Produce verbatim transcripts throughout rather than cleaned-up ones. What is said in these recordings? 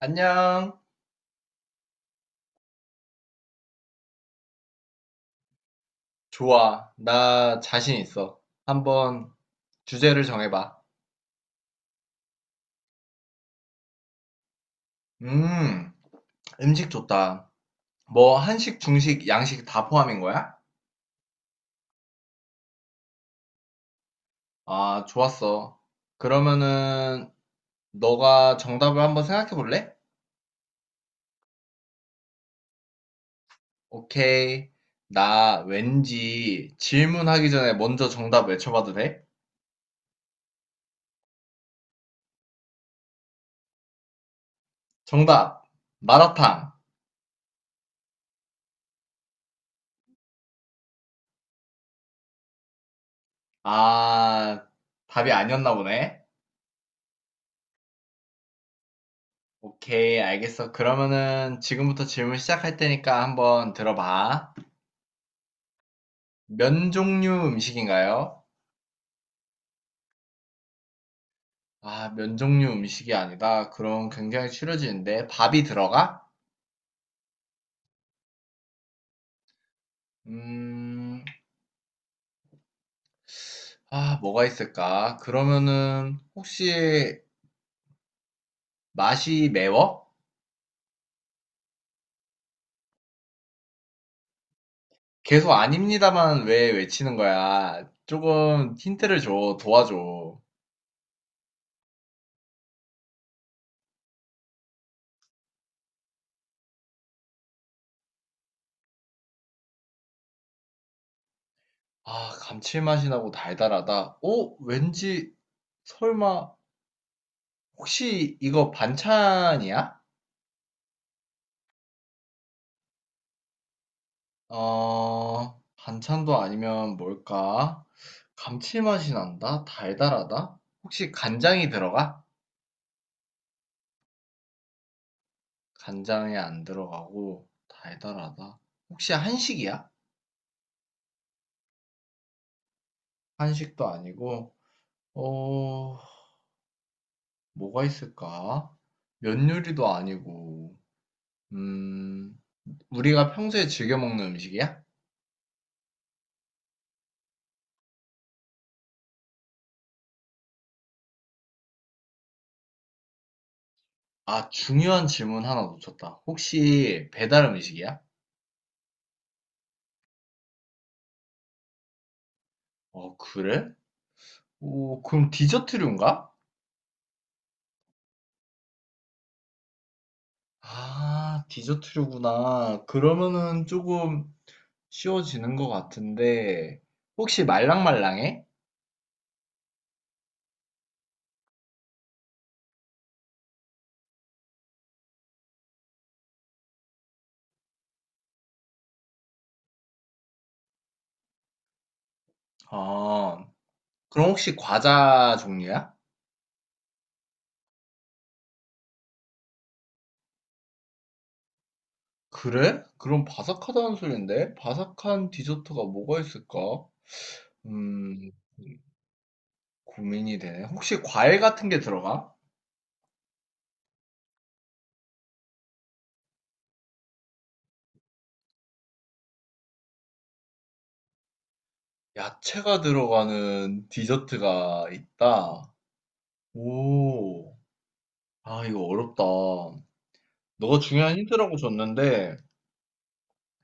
안녕. 좋아. 나 자신 있어. 한번 주제를 정해봐. 음, 음식 좋다. 뭐, 한식, 중식, 양식 다 포함인 거야? 아, 좋았어. 그러면은, 너가 정답을 한번 생각해 볼래? 오케이. 나 왠지 질문하기 전에 먼저 정답 외쳐봐도 돼? 정답! 마라탕. 아, 답이 아니었나 보네. 오케이, 알겠어. 그러면은 지금부터 질문 시작할 테니까 한번 들어봐. 면 종류 음식인가요? 아, 면 종류 음식이 아니다. 그럼 굉장히 추려지는데. 밥이 들어가? 음, 아, 뭐가 있을까? 그러면은 혹시 맛이 매워? 계속 아닙니다만 왜 외치는 거야? 조금 힌트를 줘, 도와줘. 아, 감칠맛이 나고 달달하다. 어, 왠지 설마 혹시 이거 반찬이야? 어, 반찬도 아니면 뭘까? 감칠맛이 난다? 달달하다? 혹시 간장이 들어가? 간장에 안 들어가고 달달하다. 혹시 한식이야? 한식도 아니고, 어, 뭐가 있을까? 면 요리도 아니고, 음, 우리가 평소에 즐겨 먹는 음식이야? 아, 중요한 질문 하나 놓쳤다. 혹시 배달 음식이야? 어, 그래? 오, 그럼 디저트류인가? 아, 디저트류구나. 그러면은 조금 쉬워지는 것 같은데, 혹시 말랑말랑해? 아, 그럼 혹시 과자 종류야? 그래? 그럼 바삭하다는 소린데? 바삭한 디저트가 뭐가 있을까? 음. 고민이 되네. 혹시 과일 같은 게 들어가? 야채가 들어가는 디저트가 있다? 오, 아, 이거 어렵다. 너가 중요한 힌트라고 줬는데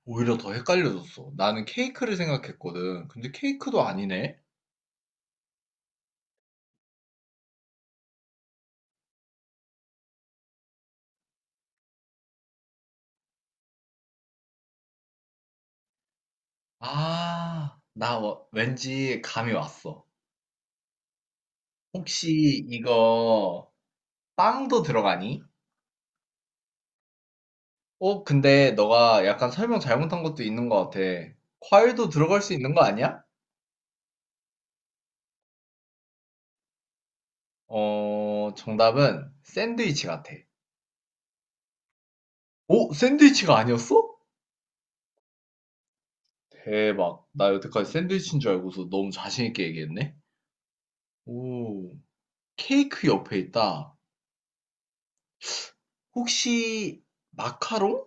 오히려 더 헷갈려졌어. 나는 케이크를 생각했거든. 근데 케이크도 아니네. 아, 나 워- 왠지 감이 왔어. 혹시 이거 빵도 들어가니? 어, 근데 너가 약간 설명 잘못한 것도 있는 것 같아. 과일도 들어갈 수 있는 거 아니야? 어, 정답은 샌드위치 같아. 오, 샌드위치가 아니었어? 대박. 나 여태까지 샌드위치인 줄 알고서 너무 자신 있게 얘기했네. 오, 케이크 옆에 있다. 혹시 마카롱?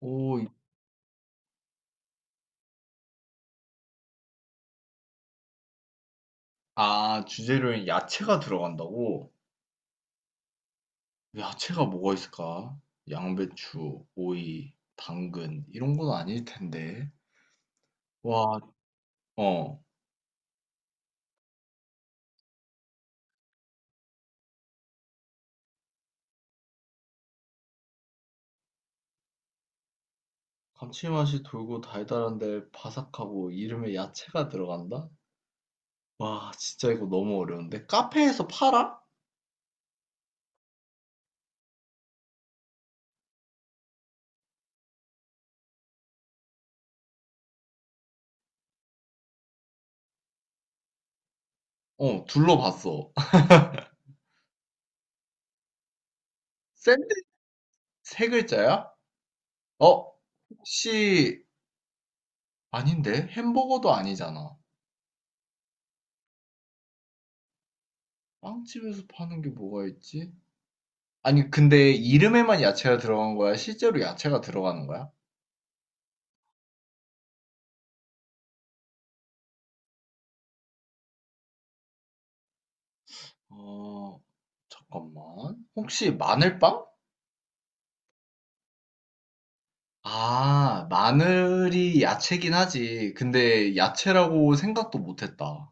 오, 아, 주재료엔 야채가 들어간다고? 야채가 뭐가 있을까? 양배추, 오이, 당근 이런 건 아닐 텐데. 와, 어. 감칠맛이 돌고 달달한데 바삭하고 이름에 야채가 들어간다? 와, 진짜 이거 너무 어려운데. 카페에서 팔아? 어, 둘러봤어. 샌드위치 세 글자야? 어, 혹시 아닌데? 햄버거도 아니잖아. 빵집에서 파는 게 뭐가 있지? 아니, 근데 이름에만 야채가 들어간 거야? 실제로 야채가 들어가는 거야? 어, 잠깐만. 혹시 마늘빵? 아, 마늘이 야채긴 하지. 근데 야채라고 생각도 못했다.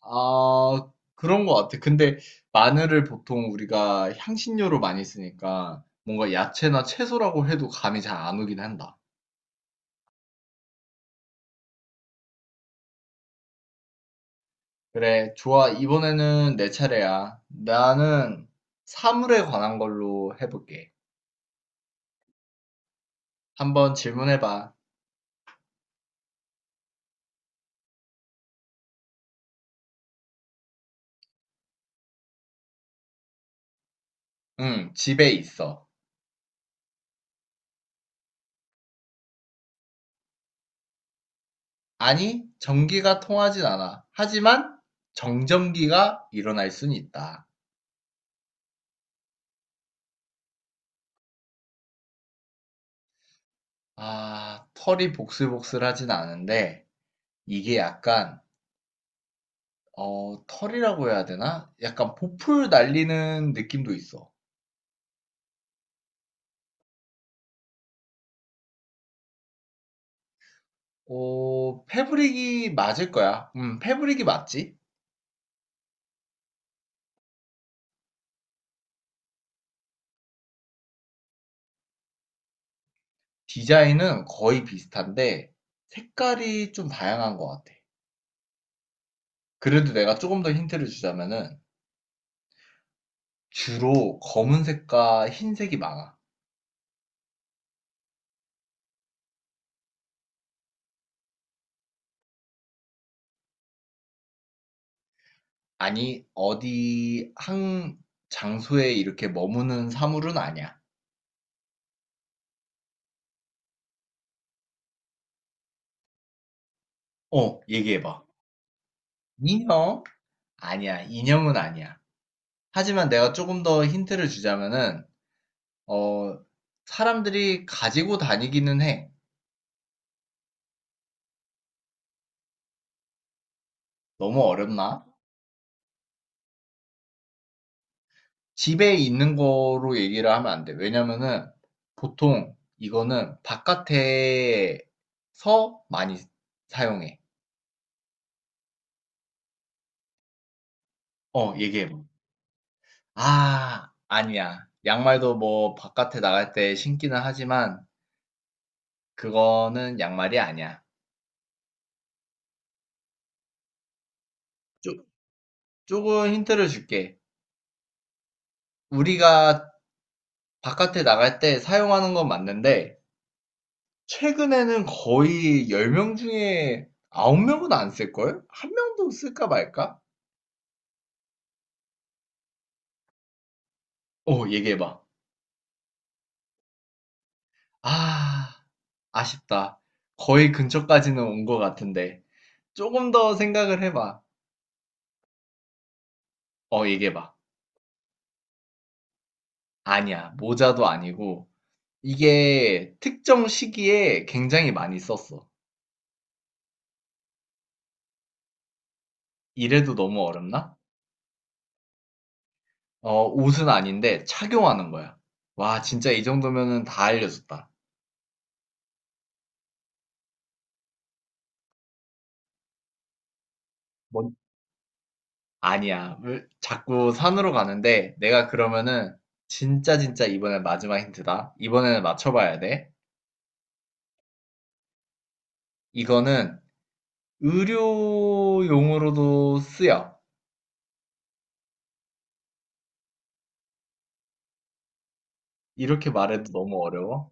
아, 그런 것 같아. 근데 마늘을 보통 우리가 향신료로 많이 쓰니까 뭔가 야채나 채소라고 해도 감이 잘 안 오긴 한다. 그래, 좋아. 이번에는 내 차례야. 나는 사물에 관한 걸로 해볼게. 한번 질문해 봐. 응, 집에 있어. 아니, 전기가 통하진 않아. 하지만 정전기가 일어날 순 있다. 아, 털이 복슬복슬하진 않은데 이게 약간 어, 털이라고 해야 되나? 약간 보풀 날리는 느낌도 있어. 어, 패브릭이 맞을 거야. 음, 패브릭이 맞지? 디자인은 거의 비슷한데 색깔이 좀 다양한 것 같아. 그래도 내가 조금 더 힌트를 주자면은 주로 검은색과 흰색이 많아. 아니, 어디 한 장소에 이렇게 머무는 사물은 아니야. 어, 얘기해봐. 인형? 아니야, 인형은 아니야. 하지만 내가 조금 더 힌트를 주자면은, 어, 사람들이 가지고 다니기는 해. 너무 어렵나? 집에 있는 거로 얘기를 하면 안 돼. 왜냐면은, 보통 이거는 바깥에서 많이 사용해. 어, 얘기해봐. 아 아니야. 양말도 뭐 바깥에 나갈 때 신기는 하지만 그거는 양말이 아니야. 쪼, 조금 힌트를 줄게. 우리가 바깥에 나갈 때 사용하는 건 맞는데 최근에는 거의 열 명 중에 아홉 명은 안 쓸걸? 한 명도 쓸까 말까? 어, 얘기해봐. 아, 아쉽다. 거의 근처까지는 온 것 같은데. 조금 더 생각을 해봐. 어, 얘기해봐. 아니야. 모자도 아니고. 이게 특정 시기에 굉장히 많이 썼어. 이래도 너무 어렵나? 어, 옷은 아닌데 착용하는 거야. 와, 진짜 이 정도면은 다 알려줬다. 뭔? 아니야. 왜 자꾸 산으로 가는데 내가 그러면은 진짜 진짜 이번엔 마지막 힌트다. 이번에는 맞춰봐야 돼. 이거는 의료용으로도 쓰여. 이렇게 말해도 너무 어려워.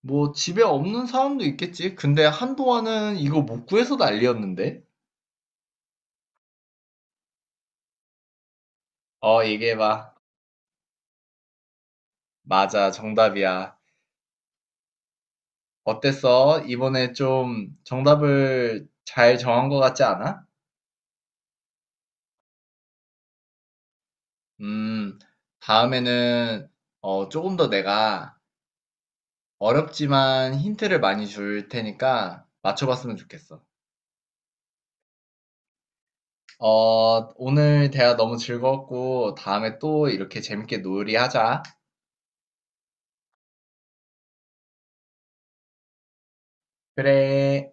뭐 집에 없는 사람도 있겠지. 근데 한동안은 이거 못 구해서 난리였는데. 어, 얘기해봐. 맞아, 정답이야. 어땠어? 이번에 좀 정답을 잘 정한 것 같지 않아? 음, 다음에는 어, 조금 더 내가 어렵지만 힌트를 많이 줄 테니까 맞춰봤으면 좋겠어. 어, 오늘 대화 너무 즐거웠고 다음에 또 이렇게 재밌게 놀이하자. 그래.